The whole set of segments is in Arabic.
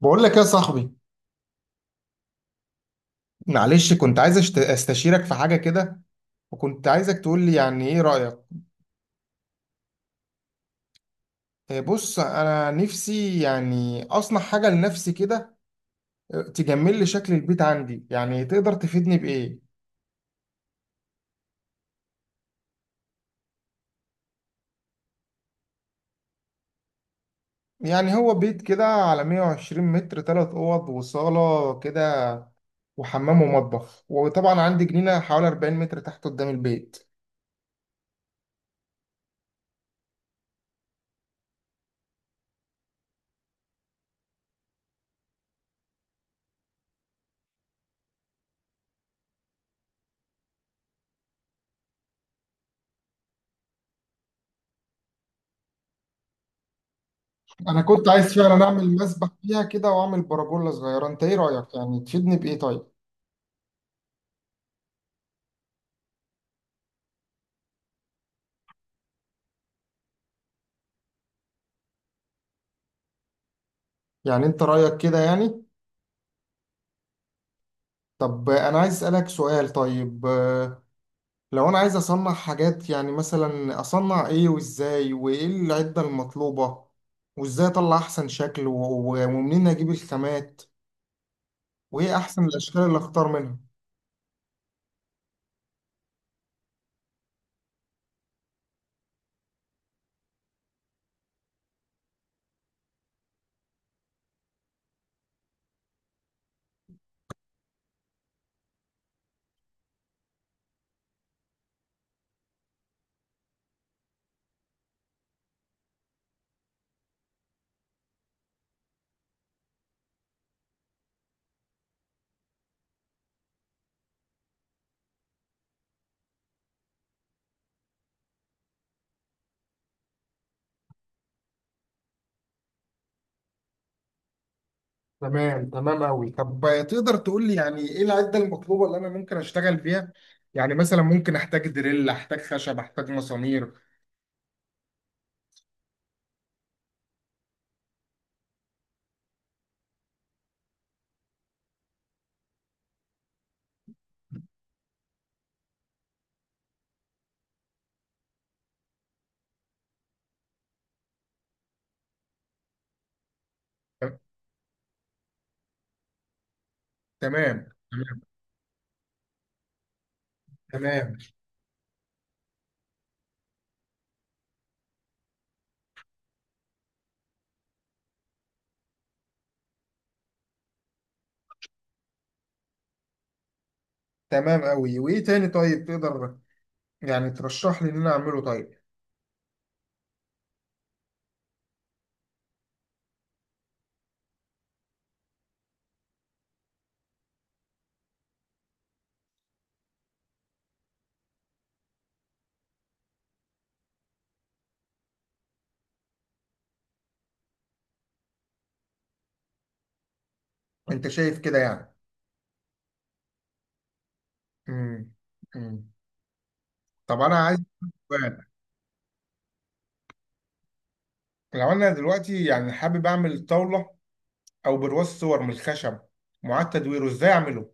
بقول لك يا صاحبي، معلش كنت عايز استشيرك في حاجة كده، وكنت عايزك تقول لي ايه رأيك. إيه، بص انا نفسي يعني اصنع حاجة لنفسي كده، إيه، تجمل لي شكل البيت عندي، يعني تقدر تفيدني بإيه؟ يعني هو بيت كده على 120 متر، ثلاث اوض وصالة كده وحمام ومطبخ، وطبعا عندي جنينة حوالي 40 متر تحت قدام البيت. انا كنت عايز فعلا اعمل مسبح فيها كده واعمل برجولة صغيرة، انت ايه رأيك؟ يعني تفيدني بإيه طيب؟ يعني انت رأيك كده يعني؟ طب أنا عايز أسألك سؤال طيب. لو أنا عايز أصنع حاجات، يعني مثلا أصنع إيه وإزاي وإيه العدة المطلوبة، وإزاي أطلع أحسن شكل ومنين أجيب الخامات، وإيه أحسن الأشكال اللي أختار منها؟ تمام تمام أوي. طب، تقدر تقول لي يعني إيه العدة المطلوبة اللي أنا ممكن أشتغل بيها؟ يعني مثلا ممكن أحتاج دريل، أحتاج خشب، أحتاج مسامير. تمام تمام. تمام تمام أوي. وإيه تاني طيب تقدر يعني ترشح لي إن أنا أعمله طيب؟ انت شايف كده يعني؟ امم امم طب انا عايز سؤال. لو انا دلوقتي يعني حابب اعمل طاوله او برواز صور من الخشب معاد تدويره، ازاي اعمله؟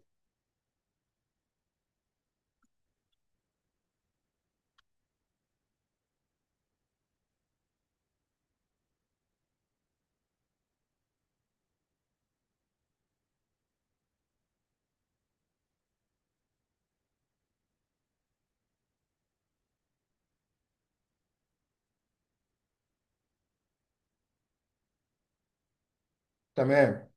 تمام،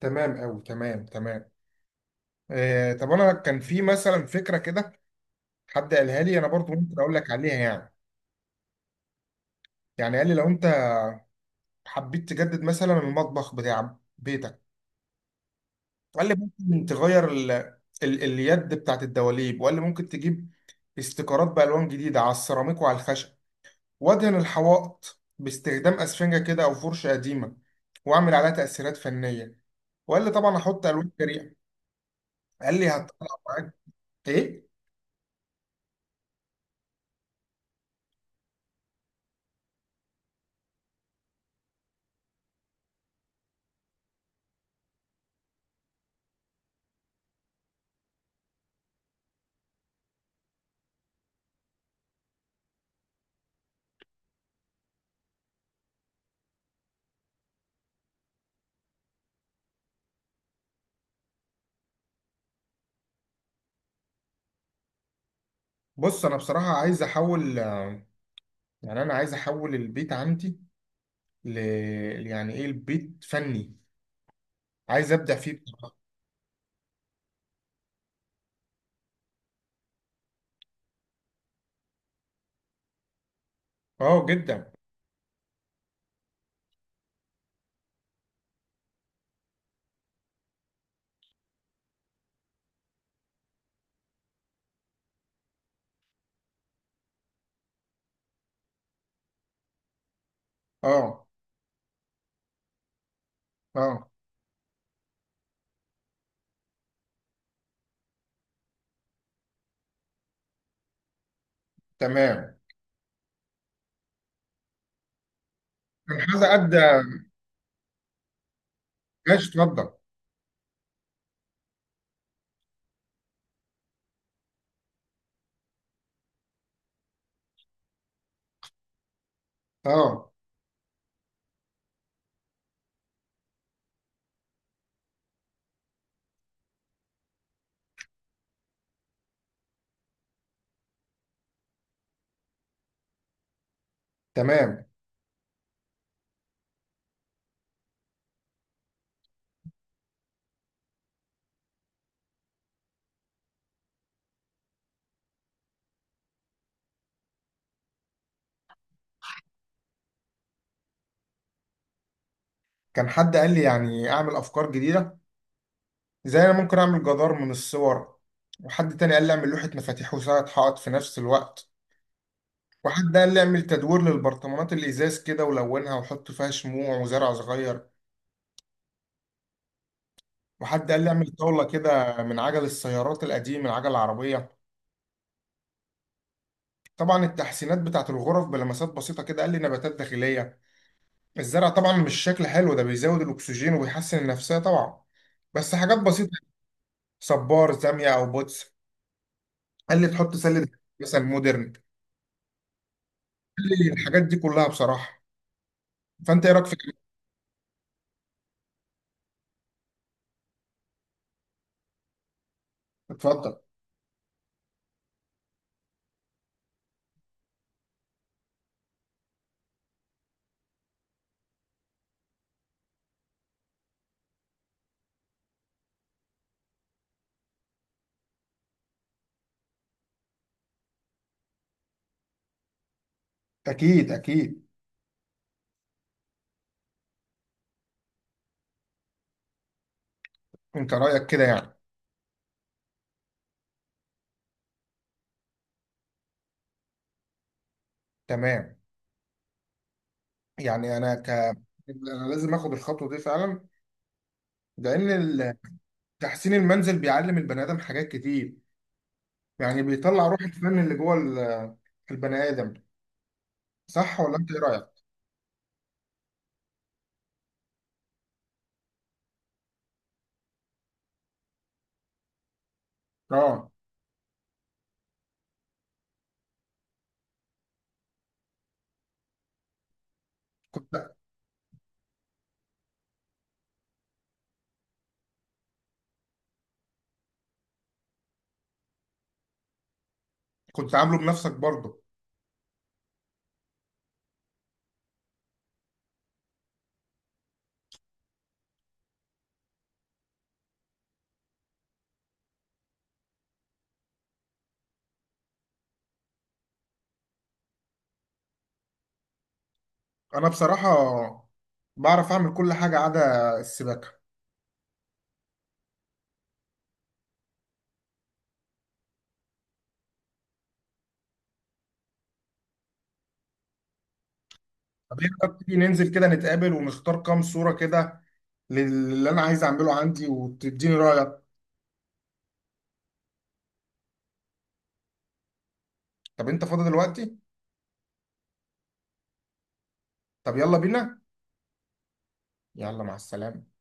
تمام قوي، تمام تمام. آه طب انا كان في مثلا فكره كده، حد قالها لي، انا برضو ممكن اقول لك عليها يعني. يعني قال لي لو انت حبيت تجدد مثلا المطبخ بتاع بيتك، قال لي ممكن تغير اليد بتاعت الدواليب، وقال لي ممكن تجيب استيكرات بالوان جديده على السيراميك وعلى الخشب، وادهن الحوائط باستخدام اسفنجة كده او فرشة قديمة واعمل عليها تأثيرات فنية. وقال لي طبعا هحط الوان جريئة، قال لي هتطلع معاك. ايه، بص انا بصراحة عايز احول يعني انا عايز احول البيت عندي ل، يعني ايه، البيت فني، عايز ابدع فيه. اه جدا. اه. اه. تمام. كان حد ادى. ماشي اتفضل. اه. تمام. كان حد قال لي يعني اعمل افكار جديدة، زي انا ممكن اعمل جدار من الصور، وحد تاني قال لي اعمل لوحة مفاتيح وساعة حائط في نفس الوقت، وحد قال لي اعمل تدوير للبرطمانات الازاز كده ولونها وحط فيها شموع وزرع صغير، وحد قال لي اعمل طاولة كده من عجل السيارات القديم، من عجل العربية. طبعا التحسينات بتاعت الغرف بلمسات بسيطة كده، قال لي نباتات داخلية، الزرع طبعا مش شكل حلو ده، بيزود الاكسجين وبيحسن النفسية طبعا، بس حاجات بسيطة. صبار زاوية او بوتس، قال لي تحط سلة مثلا مودرن. قال لي الحاجات دي كلها بصراحة. فانت ايه رايك في كده؟ اتفضل. اكيد اكيد. انت رايك كده يعني؟ تمام. يعني انا ك انا لازم اخد الخطوه دي فعلا، لان تحسين المنزل بيعلم البني ادم حاجات كتير، يعني بيطلع روح الفن اللي جوه البني ادم. صح، ولا انت ايه رايك؟ اه. كنت كنت عامله بنفسك برضه؟ انا بصراحه بعرف اعمل كل حاجه عدا السباكه. طب ايه رايك تيجي ننزل كده نتقابل ونختار كام صوره كده للي انا عايز اعمله عندي وتديني رايك؟ طب انت فاضي دلوقتي؟ طب يلا بينا. يلا مع السلامة.